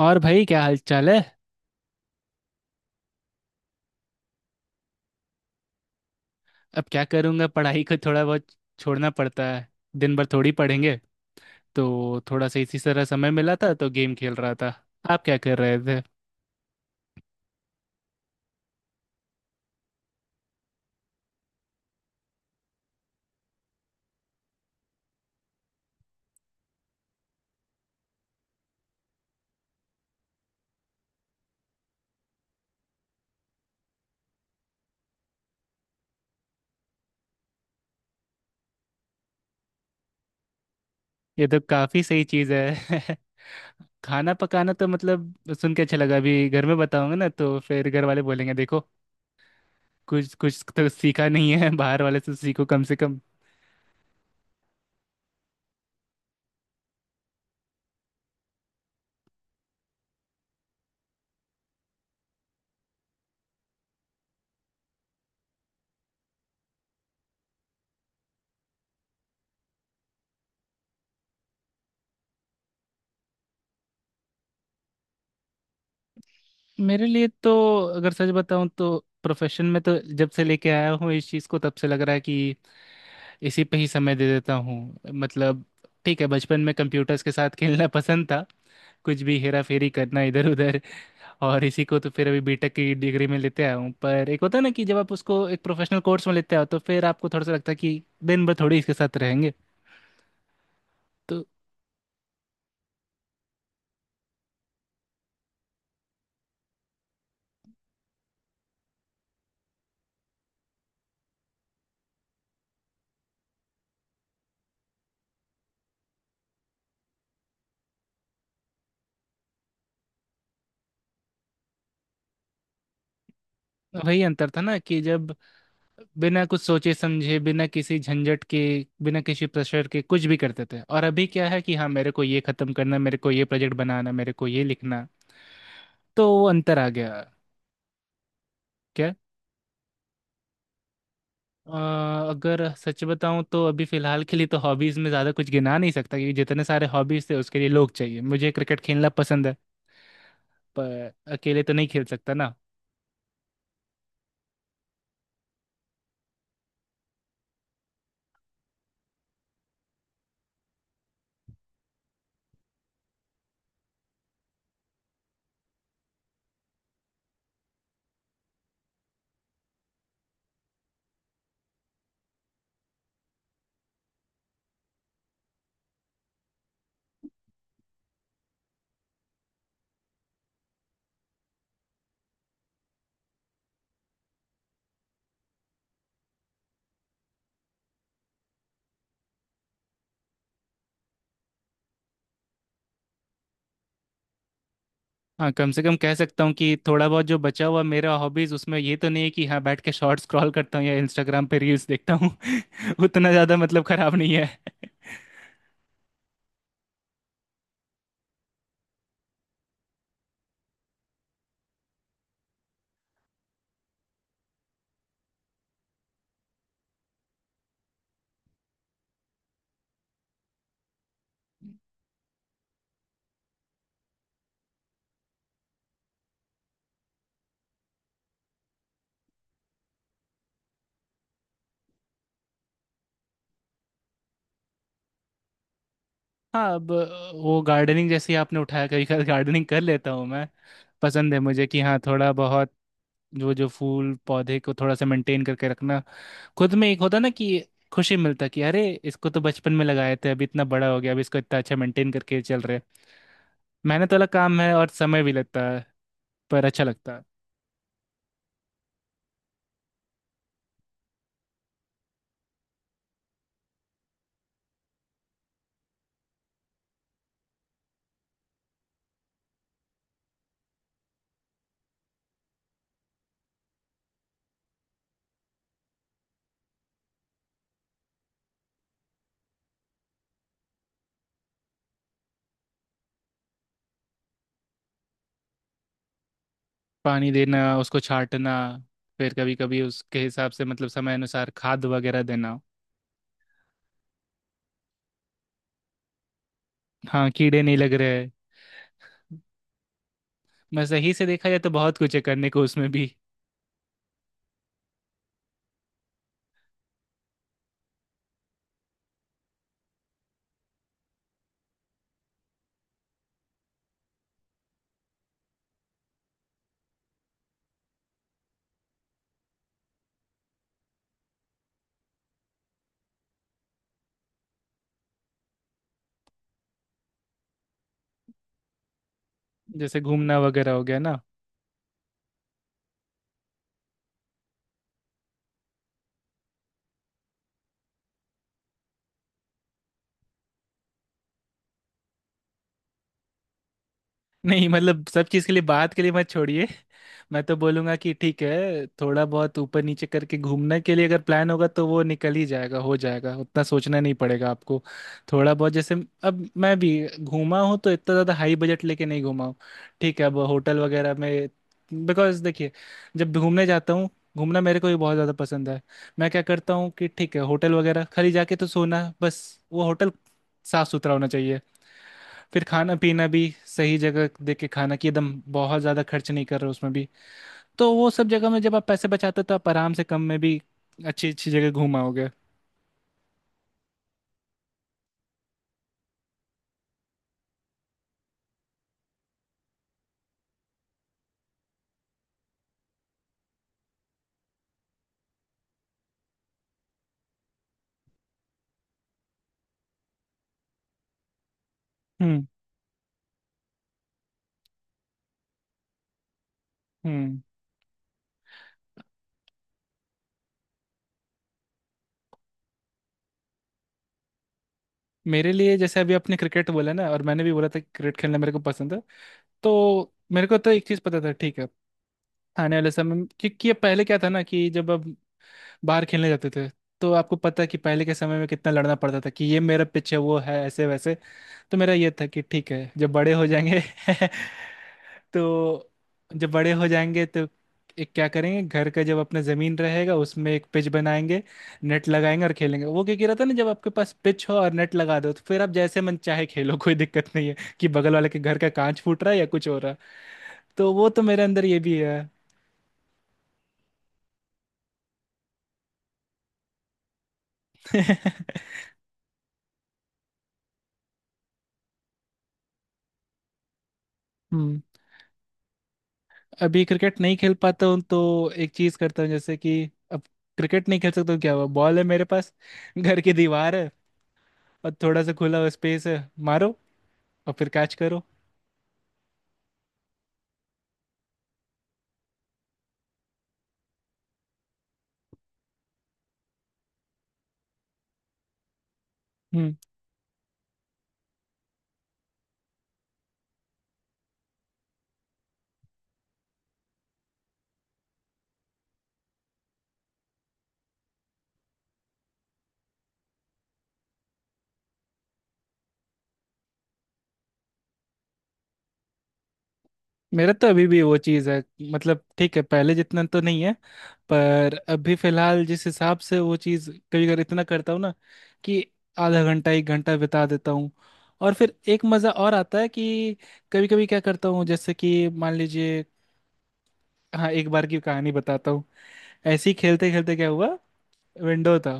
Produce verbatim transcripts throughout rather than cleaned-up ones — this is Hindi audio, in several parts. और भाई क्या हाल चाल है। अब क्या करूँगा, पढ़ाई को थोड़ा बहुत छोड़ना पड़ता है। दिन भर थोड़ी पढ़ेंगे, तो थोड़ा सा इसी तरह समय मिला था तो गेम खेल रहा था। आप क्या कर रहे थे? ये तो काफ़ी सही चीज़ है। खाना पकाना तो मतलब सुन के अच्छा लगा, अभी घर में बताऊंगा ना तो फिर घर वाले बोलेंगे देखो कुछ कुछ तो सीखा नहीं है, बाहर वाले से सीखो कम से कम। मेरे लिए तो, अगर सच बताऊं तो, प्रोफेशन में तो जब से लेके आया हूँ इस चीज़ को तब से लग रहा है कि इसी पे ही समय दे देता हूँ। मतलब ठीक है, बचपन में कंप्यूटर्स के साथ खेलना पसंद था, कुछ भी हेरा फेरी करना इधर उधर। और इसी को तो फिर अभी बीटेक की डिग्री में लेते आया हूँ, पर एक होता है ना कि जब आप उसको एक प्रोफेशनल कोर्स में लेते आओ तो फिर आपको थोड़ा सा लगता है कि दिन भर थोड़ी इसके साथ रहेंगे। तो वही अंतर था ना कि जब बिना कुछ सोचे समझे, बिना किसी झंझट के, बिना किसी प्रेशर के कुछ भी करते थे, और अभी क्या है कि हाँ मेरे को ये खत्म करना, मेरे को ये प्रोजेक्ट बनाना, मेरे को ये लिखना, तो वो अंतर आ गया। अ, अगर सच बताऊं तो अभी फिलहाल के लिए तो हॉबीज में ज़्यादा कुछ गिना नहीं सकता, क्योंकि जितने सारे हॉबीज थे उसके लिए लोग चाहिए। मुझे क्रिकेट खेलना पसंद है, पर अकेले तो नहीं खेल सकता ना। हाँ, कम से कम कह सकता हूँ कि थोड़ा बहुत जो बचा हुआ मेरा हॉबीज उसमें ये तो नहीं है कि हाँ बैठ के शॉर्ट स्क्रॉल करता हूँ या इंस्टाग्राम पे रील्स देखता हूँ। उतना ज़्यादा मतलब खराब नहीं है। हाँ अब, वो गार्डनिंग जैसे ही आपने उठाया, कभी कभी गार्डनिंग कर लेता हूँ मैं। पसंद है मुझे कि हाँ थोड़ा बहुत, जो जो फूल पौधे को थोड़ा सा मेंटेन करके रखना, खुद में एक होता ना कि खुशी मिलता कि अरे इसको तो बचपन में लगाए थे, अभी इतना बड़ा हो गया, अब इसको इतना अच्छा मेंटेन करके चल रहे हैं। मेहनत वाला काम है और समय भी लगता है, पर अच्छा लगता है। पानी देना, उसको छाटना, फिर कभी कभी उसके हिसाब से मतलब समय अनुसार खाद वगैरह देना। हाँ, कीड़े नहीं लग रहे। मैं सही से देखा जाए तो बहुत कुछ है करने को उसमें भी। जैसे घूमना वगैरह हो गया ना। नहीं मतलब सब चीज़ के लिए बात के लिए मत छोड़िए। मैं तो बोलूंगा कि ठीक है, थोड़ा बहुत ऊपर नीचे करके घूमने के लिए अगर प्लान होगा तो वो निकल ही जाएगा, हो जाएगा, उतना सोचना नहीं पड़ेगा आपको। थोड़ा बहुत जैसे, अब मैं भी घूमा हूँ तो इतना ज़्यादा हाई बजट लेके नहीं घूमा हूँ। ठीक है, अब होटल वगैरह में, बिकॉज देखिए, जब घूमने जाता हूँ, घूमना मेरे को भी बहुत ज़्यादा पसंद है। मैं क्या करता हूँ कि ठीक है होटल वगैरह खाली जाके तो सोना बस। वो होटल साफ सुथरा होना चाहिए, फिर खाना पीना भी सही जगह देख के खाना कि एकदम बहुत ज़्यादा खर्च नहीं कर रहे हो उसमें भी। तो वो सब जगह में जब आप पैसे बचाते हो तो आप आराम से कम में भी अच्छी अच्छी जगह घूम आओगे। हम्म हम्म मेरे लिए जैसे अभी आपने क्रिकेट बोला ना, और मैंने भी बोला था कि क्रिकेट खेलना मेरे को पसंद है, तो मेरे को तो एक चीज़ पता था। ठीक है, आने वाले समय में- क्योंकि ये पहले क्या था ना कि जब अब बाहर खेलने जाते थे, तो आपको पता है कि पहले के समय में कितना लड़ना पड़ता था कि ये मेरा पिच है वो है ऐसे वैसे। तो मेरा ये था कि ठीक है जब बड़े हो जाएंगे। तो जब बड़े हो जाएंगे तो एक क्या करेंगे, घर का जब अपना ज़मीन रहेगा उसमें एक पिच बनाएंगे, नेट लगाएंगे और खेलेंगे। वो क्या कह रहा था ना, जब आपके पास पिच हो और नेट लगा दो तो फिर आप जैसे मन चाहे खेलो, कोई दिक्कत नहीं है कि बगल वाले के घर का कांच फूट रहा है या कुछ हो रहा है। तो वो तो मेरे अंदर ये भी है। हम्म अभी क्रिकेट नहीं खेल पाता हूँ तो एक चीज करता हूँ जैसे कि अब क्रिकेट नहीं खेल सकता हूँ, क्या हुआ, बॉल है मेरे पास घर की दीवार है और थोड़ा सा खुला हुआ स्पेस है। मारो और फिर कैच करो। हम्म मेरा तो अभी भी वो चीज है, मतलब ठीक है पहले जितना तो नहीं है, पर अभी फिलहाल जिस हिसाब से वो चीज कभी कभी इतना करता हूँ ना कि आधा घंटा एक घंटा बिता देता हूँ, और फिर एक मजा और आता है कि कभी कभी क्या करता हूँ जैसे कि मान लीजिए, हाँ एक बार की कहानी बताता हूँ। ऐसे ही खेलते खेलते क्या हुआ, विंडो था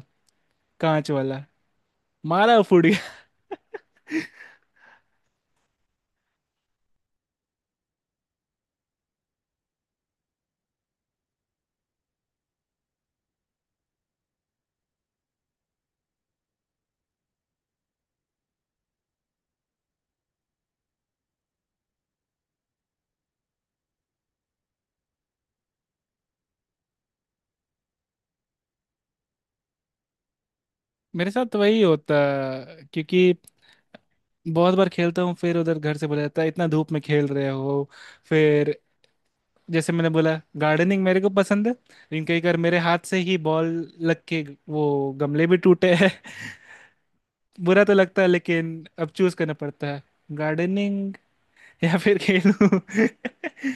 कांच वाला, मारा और फूट गया। मेरे साथ तो वही होता है, क्योंकि बहुत बार खेलता हूँ, फिर उधर घर से बोला जाता है इतना धूप में खेल रहे हो। फिर जैसे मैंने बोला, गार्डनिंग मेरे को पसंद है लेकिन कई बार मेरे हाथ से ही बॉल लग के वो गमले भी टूटे हैं। बुरा तो लगता है, लेकिन अब चूज करना पड़ता है, गार्डनिंग या फिर खेलूं।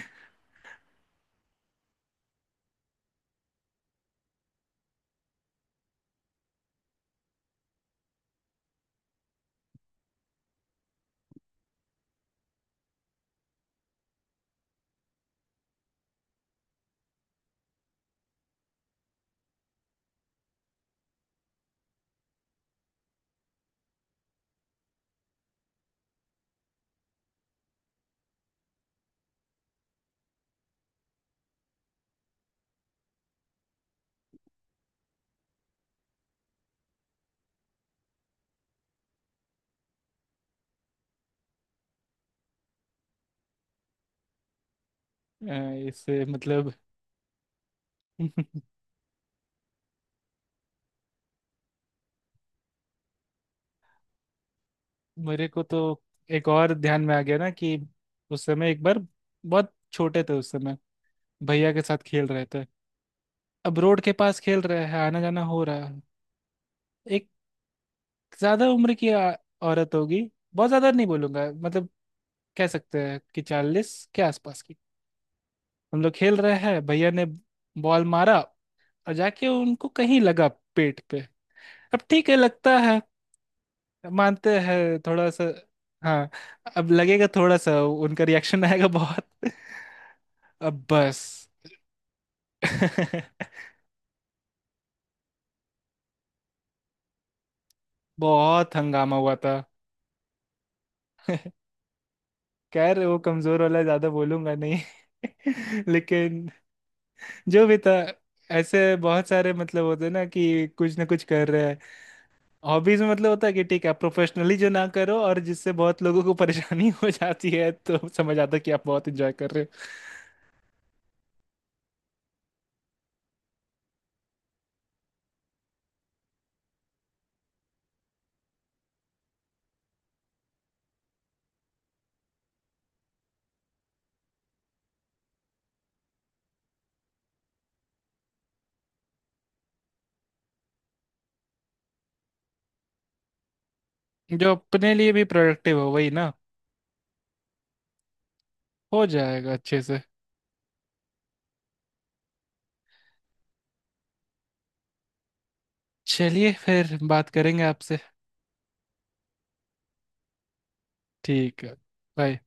अ, इससे मतलब। मेरे को तो एक और ध्यान में आ गया ना कि उस समय एक बार, बहुत छोटे थे उस समय, भैया के साथ खेल रहे थे। अब रोड के पास खेल रहे हैं, आना जाना हो रहा है। एक ज्यादा उम्र की आ, औरत होगी, बहुत ज्यादा नहीं बोलूंगा मतलब, कह सकते हैं कि चालीस के आसपास की। हम लोग खेल रहे हैं, भैया ने बॉल मारा और जाके उनको कहीं लगा, पेट पे। अब ठीक है लगता है, मानते हैं थोड़ा सा। हाँ अब लगेगा थोड़ा सा, उनका रिएक्शन आएगा बहुत। अब बस। बहुत हंगामा हुआ था। खैर वो कमजोर वाला ज्यादा बोलूंगा नहीं। लेकिन जो भी था, ऐसे बहुत सारे मतलब होते हैं ना कि कुछ ना कुछ कर रहे हैं। हॉबीज में मतलब होता है कि ठीक है आप प्रोफेशनली जो ना करो, और जिससे बहुत लोगों को परेशानी हो जाती है, तो समझ आता है कि आप बहुत इंजॉय कर रहे हो। जो अपने लिए भी प्रोडक्टिव हो वही ना। हो जाएगा अच्छे से। चलिए फिर बात करेंगे आपसे। ठीक है। बाय।